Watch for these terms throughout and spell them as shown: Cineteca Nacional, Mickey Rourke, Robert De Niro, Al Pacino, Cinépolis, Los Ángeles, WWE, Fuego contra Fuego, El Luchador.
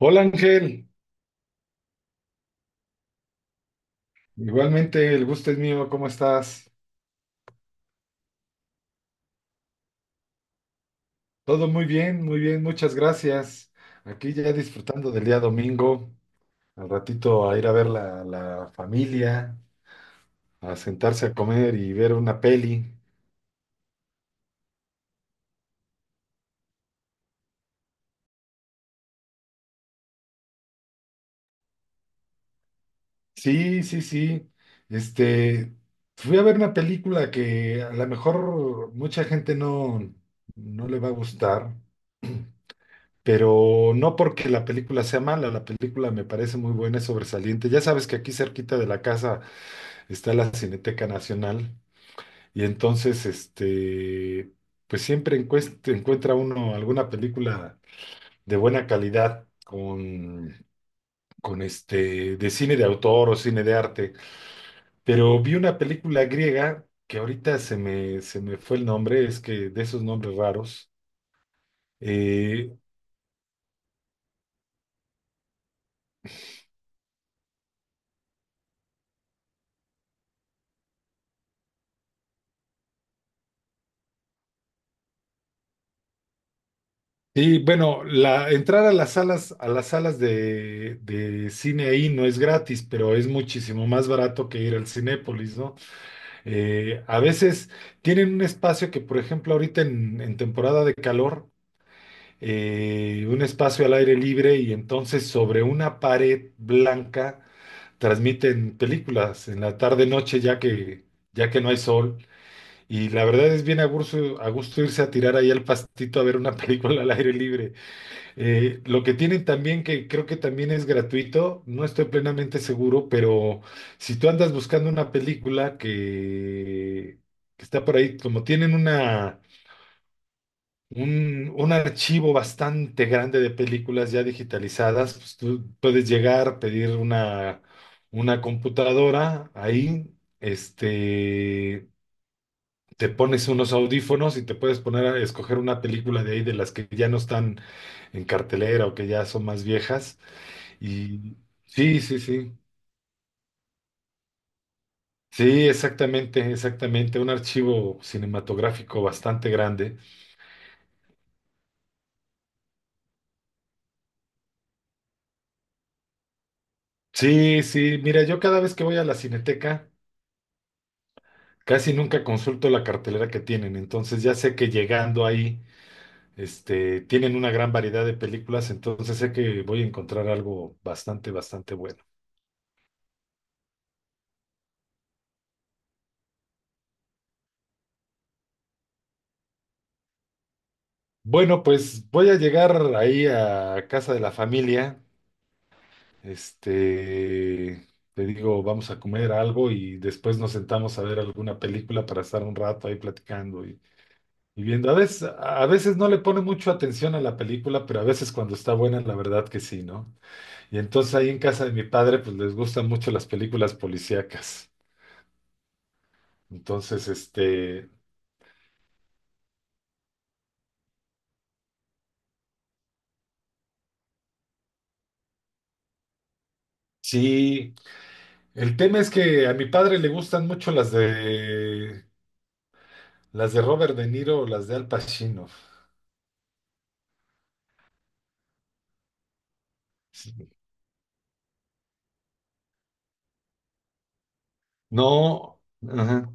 Hola Ángel, igualmente el gusto es mío, ¿cómo estás? Todo muy bien, muchas gracias. Aquí ya disfrutando del día domingo, al ratito a ir a ver la familia, a sentarse a comer y ver una peli. Sí, sí, sí. Este, fui a ver una película que a lo mejor mucha gente no le va a gustar, pero no porque la película sea mala, la película me parece muy buena, es sobresaliente. Ya sabes que aquí cerquita de la casa está la Cineteca Nacional y entonces, pues siempre encuentra uno alguna película de buena calidad con de cine de autor o cine de arte. Pero vi una película griega que ahorita se me fue el nombre, es que de esos nombres raros. Eh, y bueno, la, entrar a las salas de cine ahí no es gratis, pero es muchísimo más barato que ir al Cinépolis, ¿no? A veces tienen un espacio que, por ejemplo, ahorita en temporada de calor, un espacio al aire libre y entonces sobre una pared blanca transmiten películas en la tarde-noche ya que no hay sol. Y la verdad es bien a gusto irse a tirar ahí al pastito a ver una película al aire libre. Lo que tienen también, que creo que también es gratuito, no estoy plenamente seguro, pero si tú andas buscando una película que está por ahí, como tienen un archivo bastante grande de películas ya digitalizadas, pues tú puedes llegar, pedir una computadora ahí, este, te pones unos audífonos y te puedes poner a escoger una película de ahí de las que ya no están en cartelera o que ya son más viejas y sí, sí, sí. Sí, exactamente, exactamente. Un archivo cinematográfico bastante grande. Sí, sí. Mira, yo cada vez que voy a la Cineteca, casi nunca consulto la cartelera que tienen. Entonces ya sé que llegando ahí, tienen una gran variedad de películas. Entonces sé que voy a encontrar algo bastante, bastante bueno. Bueno, pues voy a llegar ahí a casa de la familia. Este, te digo, vamos a comer algo y después nos sentamos a ver alguna película para estar un rato ahí platicando y viendo. A veces no le pone mucho atención a la película, pero a veces cuando está buena, la verdad que sí, ¿no? Y entonces ahí en casa de mi padre, pues les gustan mucho las películas policíacas. Entonces, sí, el tema es que a mi padre le gustan mucho las las de Robert De Niro o las de Al Pacino. No. Ajá.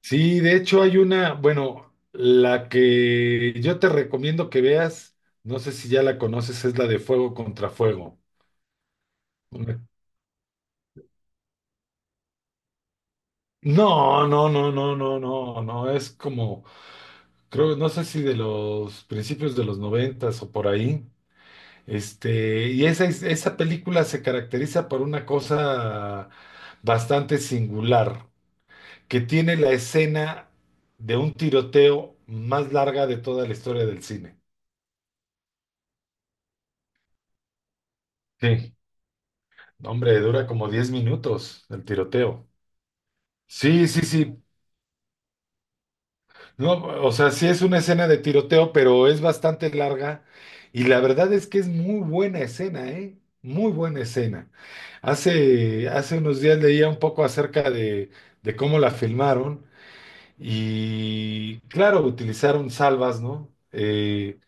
Sí, de hecho hay bueno, la que yo te recomiendo que veas, no sé si ya la conoces, es la de Fuego contra Fuego. Una- No, no, no, no, no, no, no, es creo, no sé si de los principios de los noventas o por ahí. Esa película se caracteriza por una cosa bastante singular, que tiene la escena de un tiroteo más larga de toda la historia del cine. Sí. No hombre, dura como 10 minutos el tiroteo. Sí, sí, sí. No, o sea, sí es una escena de tiroteo, pero es bastante larga. Y la verdad es que es muy buena escena, ¿eh? Muy buena escena. Hace unos días leía un poco acerca de cómo la filmaron. Y claro, utilizaron salvas, ¿no?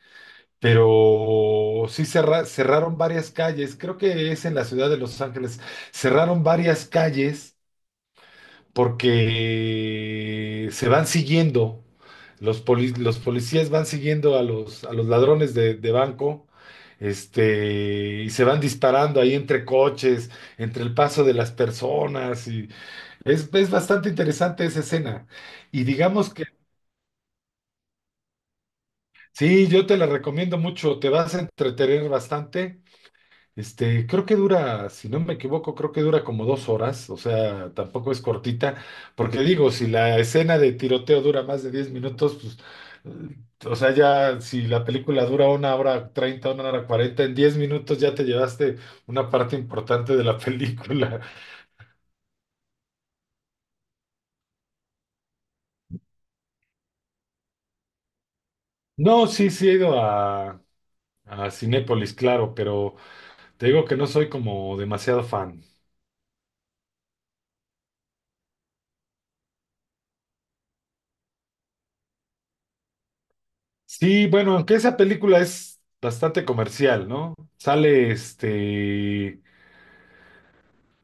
Pero sí cerraron varias calles. Creo que es en la ciudad de Los Ángeles. Cerraron varias calles porque se van siguiendo, los policías van siguiendo a a los ladrones de banco, y se van disparando ahí entre coches, entre el paso de las personas, y es bastante interesante esa escena. Y digamos que, sí, yo te la recomiendo mucho, te vas a entretener bastante. Creo que dura, si no me equivoco, creo que dura como 2 horas, o sea, tampoco es cortita, porque digo, si la escena de tiroteo dura más de 10 minutos, pues, o sea, ya si la película dura 1 hora 30, 1 hora 40, en 10 minutos ya te llevaste una parte importante de la película. No, sí, sí he ido a Cinépolis, claro, pero te digo que no soy como demasiado fan. Sí, bueno, aunque esa película es bastante comercial, ¿no? Sale este...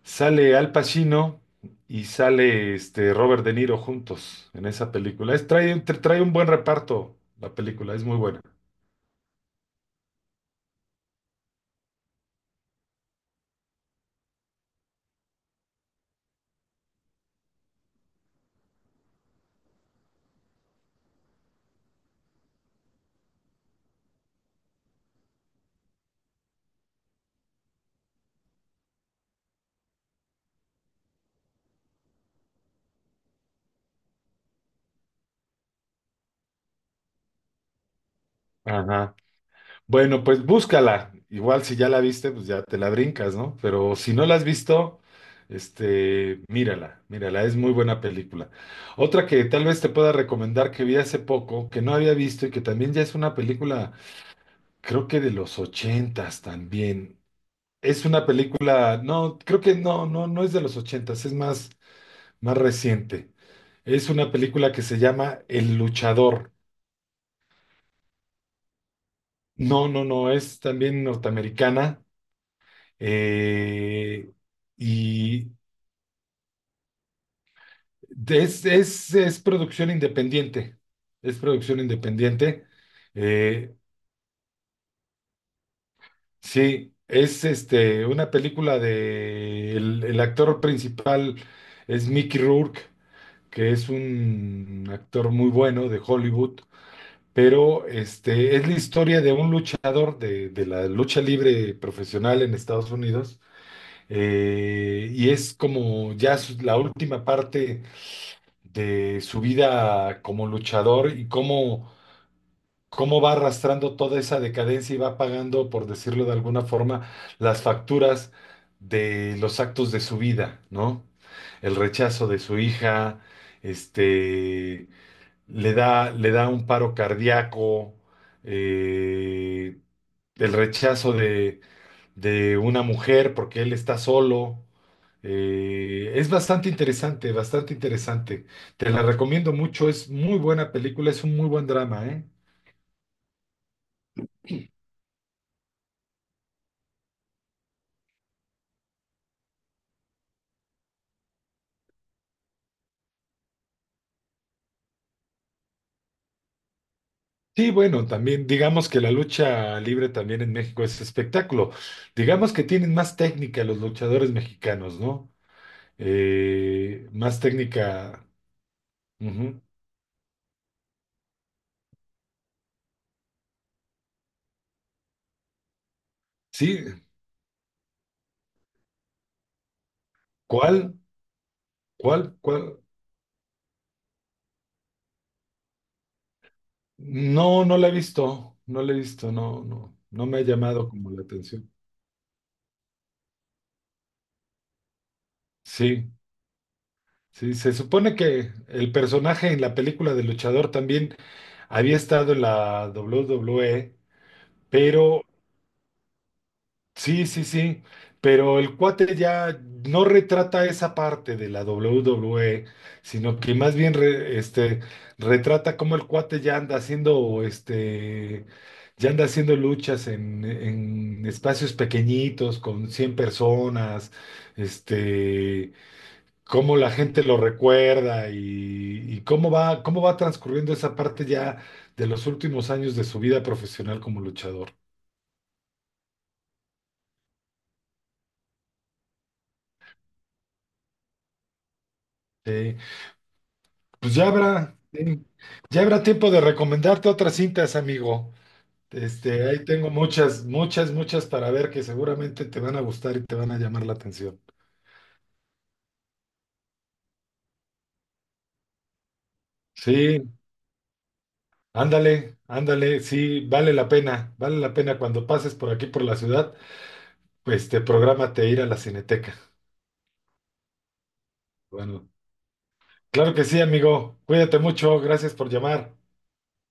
Sale Al Pacino y sale este Robert De Niro juntos en esa película. Trae un buen reparto la película, es muy buena. Ajá. Bueno, pues búscala. Igual si ya la viste, pues ya te la brincas, ¿no? Pero si no la has visto, mírala, mírala, es muy buena película. Otra que tal vez te pueda recomendar que vi hace poco, que no había visto y que también ya es una película, creo que de los ochentas también. Es una película, no, creo que no es de los ochentas, es más, más reciente. Es una película que se llama El Luchador. No, no, no, es también norteamericana eh, y es producción independiente. Es producción independiente. Eh, sí, es una película de el actor principal es Mickey Rourke. Que es un actor muy bueno de Hollywood, pero es la historia de un luchador de la lucha libre profesional en Estados Unidos, y es como ya la última parte de su vida como luchador y cómo, cómo va arrastrando toda esa decadencia y va pagando, por decirlo de alguna forma, las facturas de los actos de su vida, ¿no? El rechazo de su hija, este, le da un paro cardíaco, eh, el rechazo de una mujer porque él está solo. Es bastante interesante, bastante interesante. Te la recomiendo mucho, es muy buena película, es un muy buen drama, ¿eh? Sí, bueno, también digamos que la lucha libre también en México es espectáculo. Digamos que tienen más técnica los luchadores mexicanos, ¿no? Más técnica. Ujú. Sí, ¿cuál? ¿Cuál? ¿Cuál? No, no la he visto, no la he visto, no, no, no me ha llamado como la atención. Sí, sí, se supone que el personaje en la película de luchador también había estado en la WWE, pero sí, sí, sí, pero el cuate ya no retrata esa parte de la WWE, sino que más bien retrata cómo el cuate ya anda haciendo, ya anda haciendo luchas en espacios pequeñitos con 100 personas, este, cómo la gente lo recuerda y cómo va transcurriendo esa parte ya de los últimos años de su vida profesional como luchador. Sí. Pues ya habrá, sí, ya habrá tiempo de recomendarte otras cintas, amigo. Ahí tengo muchas, muchas, muchas para ver que seguramente te van a gustar y te van a llamar la atención. Sí, ándale, ándale, sí, vale la pena cuando pases por aquí por la ciudad, pues te prográmate ir a la Cineteca. Bueno, claro que sí, amigo. Cuídate mucho, gracias por llamar.